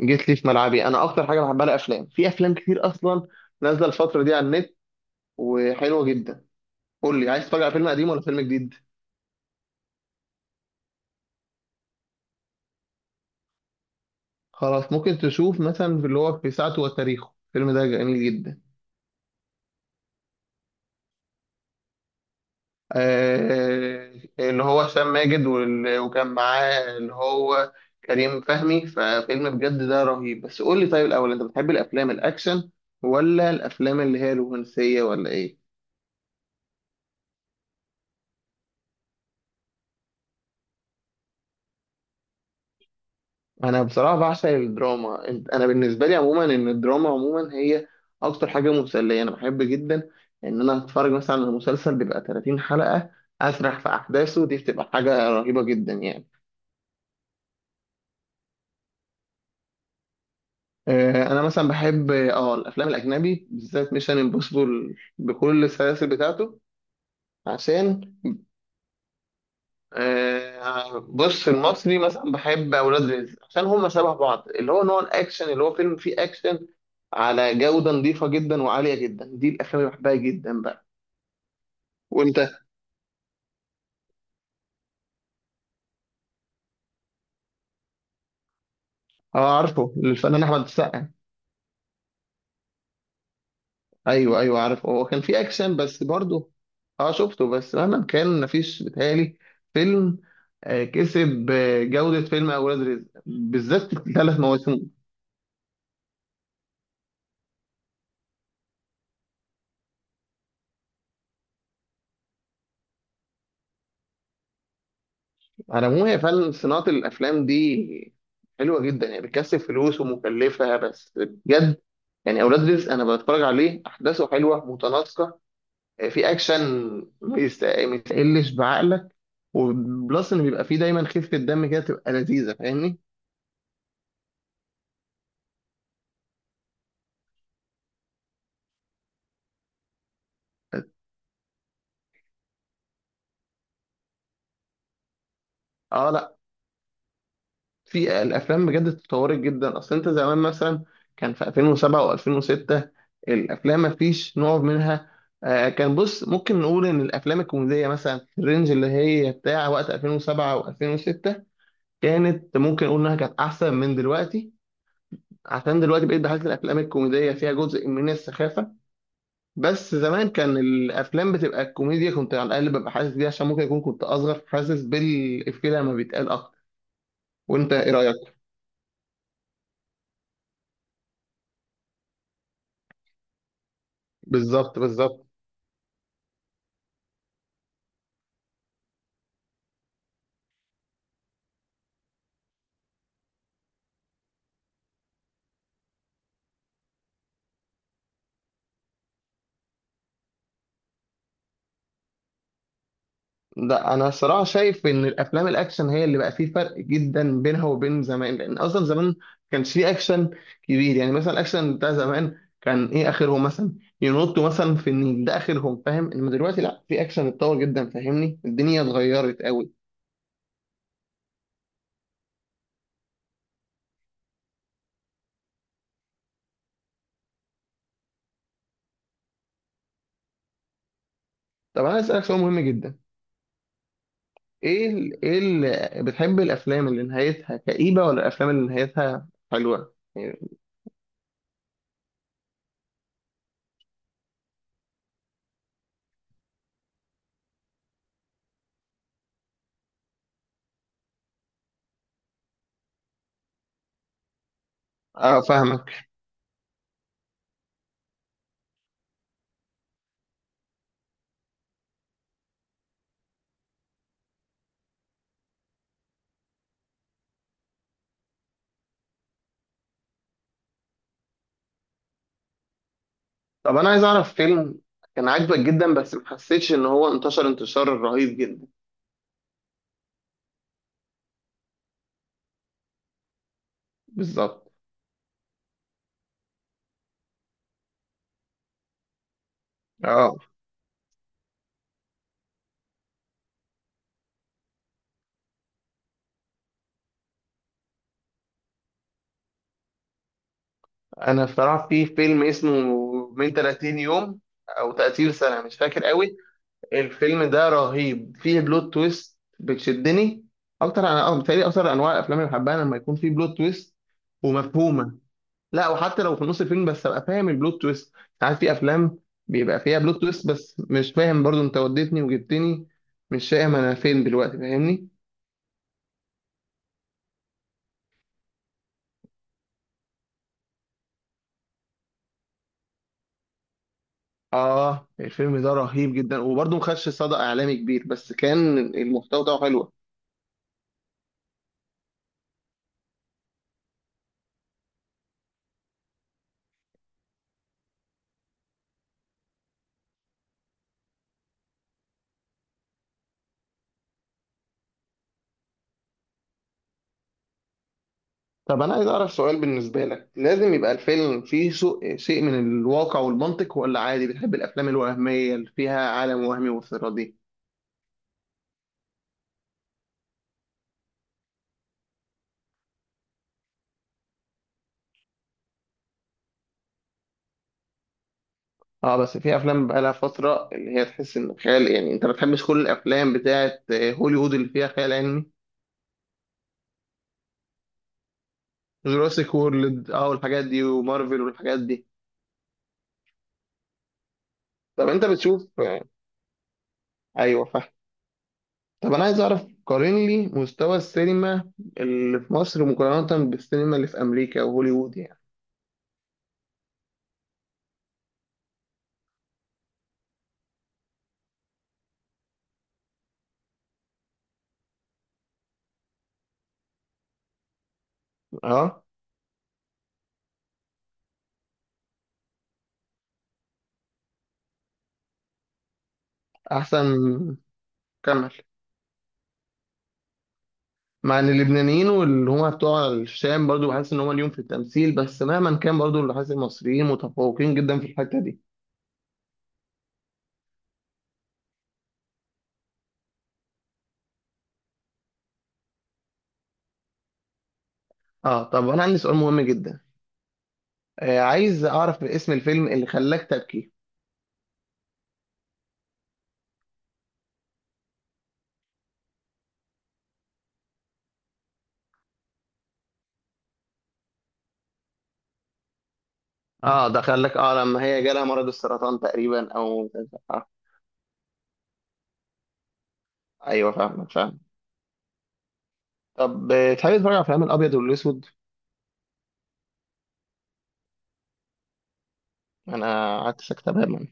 جيت لي في ملعبي، انا اكتر حاجه بحبها الافلام. في افلام كتير اصلا نازله الفتره دي على النت وحلوه جدا. قول لي، عايز تتفرج على فيلم قديم ولا فيلم جديد؟ خلاص، ممكن تشوف مثلا في اللي هو في ساعته وتاريخه. الفيلم ده جميل جدا. آه. اللي هو هشام ماجد وكان معاه اللي هو كريم فهمي. ففيلم بجد ده رهيب. بس قول لي طيب الاول، انت بتحب الافلام الاكشن ولا الافلام اللي هي الرومانسيه ولا ايه؟ انا بصراحه بعشق الدراما. انا بالنسبه لي عموما ان الدراما عموما هي اكتر حاجه مسليه انا بحب جدا ان انا اتفرج مثلا على مسلسل بيبقى 30 حلقه، اسرح في احداثه. دي بتبقى حاجه رهيبه جدا يعني. انا مثلا بحب اه الافلام الاجنبي، بالذات ميشن امبوسيبل بكل السلاسل بتاعته عشان. بص، المصري مثلا بحب اولاد رزق عشان هما شبه بعض اللي هو نوع الاكشن، اللي هو فيلم فيه اكشن على جودة نظيفة جدا وعالية جدا. دي الأفلام اللي بحبها جدا بقى. وأنت؟ أه، عارفه الفنان أحمد السقا. أيوه أيوه عارفه، هو كان في أكشن بس برضه. أه شفته، بس مهما كان مفيش بيتهيألي فيلم كسب جودة فيلم أولاد رزق، بالذات ثلاث مواسم. على العموم، هي فعلا صناعة الأفلام دي حلوة جدا يعني، بتكسب فلوس ومكلفة، بس بجد يعني أولاد رزق أنا بتفرج عليه أحداثه حلوة متناسقة، في اكشن ما يستقلش بعقلك، وبلس ان بيبقى فيه دايما خفه دم كده تبقى لذيذه، فاهمني؟ اه، لا، في الافلام بجد اتطورت جدا. اصل انت زمان مثلا كان في 2007 و2006 الافلام ما فيش نوع منها. آه، كان بص، ممكن نقول ان الافلام الكوميديه مثلا في الرينج اللي هي بتاع وقت 2007 و2006 كانت، ممكن نقول انها كانت احسن من دلوقتي. عشان دلوقتي بقيت بحس الافلام الكوميديه فيها جزء من السخافه، بس زمان كان الافلام بتبقى الكوميديا كنت على الاقل ببقى حاسس بيها، عشان ممكن يكون كنت اصغر فحاسس بالافيه لما بيتقال اكتر. وانت ايه رايك؟ بالظبط بالظبط. لا، انا الصراحه شايف ان الافلام الاكشن هي اللي بقى فيه فرق جدا بينها وبين زمان، لان اصلا زمان ما كانش فيه اكشن كبير. يعني مثلا الاكشن بتاع زمان كان ايه اخرهم؟ مثلا ينطوا مثلا في النيل، ده اخرهم، فاهم؟ انما دلوقتي لا، في اكشن اتطور جدا، فاهمني؟ الدنيا اتغيرت قوي. طب انا اسالك سؤال مهم جدا، ايه اللي، بتحب الافلام اللي نهايتها كئيبه ولا الافلام اللي نهايتها حلوه يعني؟ اه فاهمك. طب انا عايز اعرف فيلم كان عاجبك جدا بس ما حسيتش ان هو انتشر انتشار رهيب جدا. بالظبط. اه، انا بصراحه في فيلم اسمه من 30 يوم او 30 سنه، مش فاكر قوي. الفيلم ده رهيب فيه بلوت تويست بتشدني اكتر. انا اه بتهيألي اكتر انواع الافلام اللي بحبها لما يكون فيه بلوت تويست ومفهومه. لا، وحتى لو في نص الفيلم، بس ابقى فاهم البلوت تويست. ساعات في افلام بيبقى فيها بلوت تويست بس مش فاهم، برضو انت وديتني وجبتني، مش فاهم انا فين دلوقتي، فاهمني؟ اه، الفيلم ده رهيب جدا، وبرضو ما خدش صدى اعلامي كبير، بس كان المحتوى بتاعه حلو. طب انا عايز اعرف سؤال بالنسبه لك، لازم يبقى الفيلم فيه شيء من الواقع والمنطق ولا عادي بتحب الافلام الوهميه اللي فيها عالم وهمي وافتراضي؟ اه، بس في افلام بقى لها فتره اللي هي تحس ان خيال، يعني انت ما بتحبش كل الافلام بتاعه هوليوود اللي فيها خيال علمي؟ جوراسيك وورلد اه والحاجات دي، ومارفل والحاجات دي. طب انت بتشوف آه. ايوه فاهم. طب انا عايز اعرف، قارن لي مستوى السينما اللي في مصر مقارنه بالسينما اللي في امريكا وهوليوود يعني. اه. احسن. كمل. مع ان اللبنانيين واللي هم بتوع الشام برضو بحس ان هم ليهم في التمثيل، بس مهما كان برضو اللي حاسس المصريين متفوقين جدا في الحته دي. اه. طب انا عندي سؤال مهم جدا، آه، عايز اعرف اسم الفيلم اللي خلاك تبكي. اه ده خلاك، اه لما هي جالها مرض السرطان تقريبا او. آه. ايوه فاهمك فاهم. طب تحب تتفرج على افلام الابيض والاسود؟ انا قعدت ساكت تماما.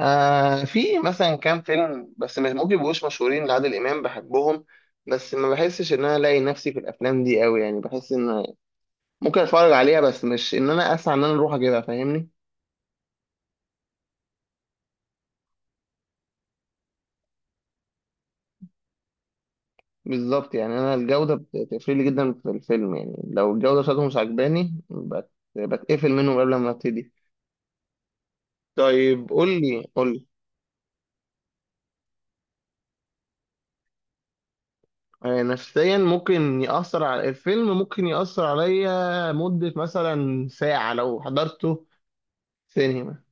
آه، في مثلا كام فيلم بس مش ممكن يبقوش مشهورين لعادل امام بحبهم، بس ما بحسش ان انا الاقي نفسي في الافلام دي قوي، يعني بحس ان ممكن اتفرج عليها بس مش ان انا اسعى ان انا اروح اجيبها، فاهمني؟ بالظبط، يعني انا الجوده بتفرق لي جدا في الفيلم، يعني لو الجوده بتاعته مش عجباني بت... بتقفل منه قبل ما ابتدي. طيب، قول لي قول لي. نفسيا ممكن يأثر على الفيلم، ممكن يأثر عليا مدة مثلا ساعة لو حضرته سينما.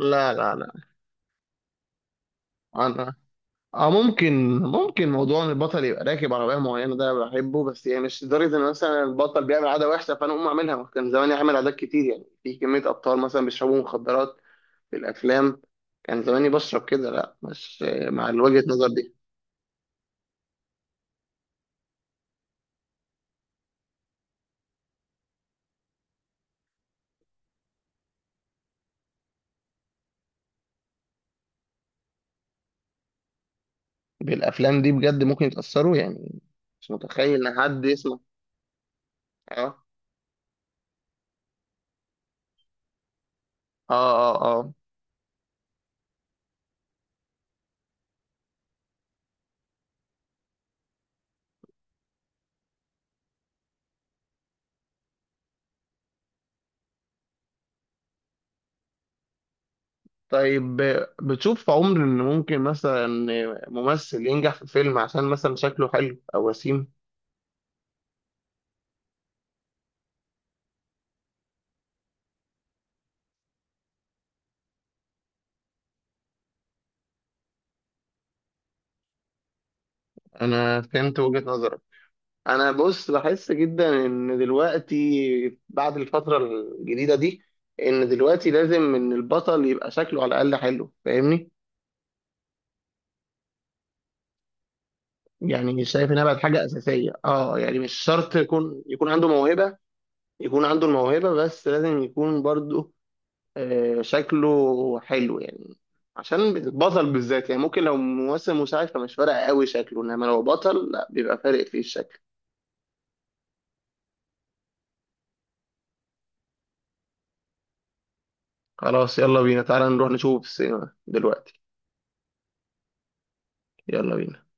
لا لا لا. انا، اه ممكن ممكن موضوع ان البطل يبقى راكب عربية معينة ده بحبه، بس يعني مش لدرجة ان مثلا البطل بيعمل عادة وحشة فانا اقوم اعملها. كان زمان يعمل عادات كتير، يعني في كمية ابطال مثلا بيشربوا مخدرات بالافلام، كان زماني بشرب كده؟ لا، مش مع وجهة النظر دي. بالافلام دي بجد ممكن يتاثروا يعني؟ مش متخيل ان حد يسمع. اه اه اه اه. طيب بتشوف في عمر ان ممكن مثلا ممثل ينجح في فيلم عشان مثلا شكله حلو او وسيم؟ انا فهمت وجهة نظرك. انا بص بحس جدا ان دلوقتي بعد الفترة الجديدة دي ان دلوقتي لازم ان البطل يبقى شكله على الاقل حلو، فاهمني؟ يعني شايف انها بقت حاجه اساسيه، اه يعني مش شرط يكون يكون عنده موهبه، يكون عنده الموهبه بس لازم يكون برضه شكله حلو يعني. عشان البطل بالذات يعني، ممكن لو ممثل مساعد فمش فارق قوي شكله، انما لو بطل لا، بيبقى فارق فيه الشكل. خلاص يلا بينا، تعالى نروح نشوفه في السينما دلوقتي. يلا بينا.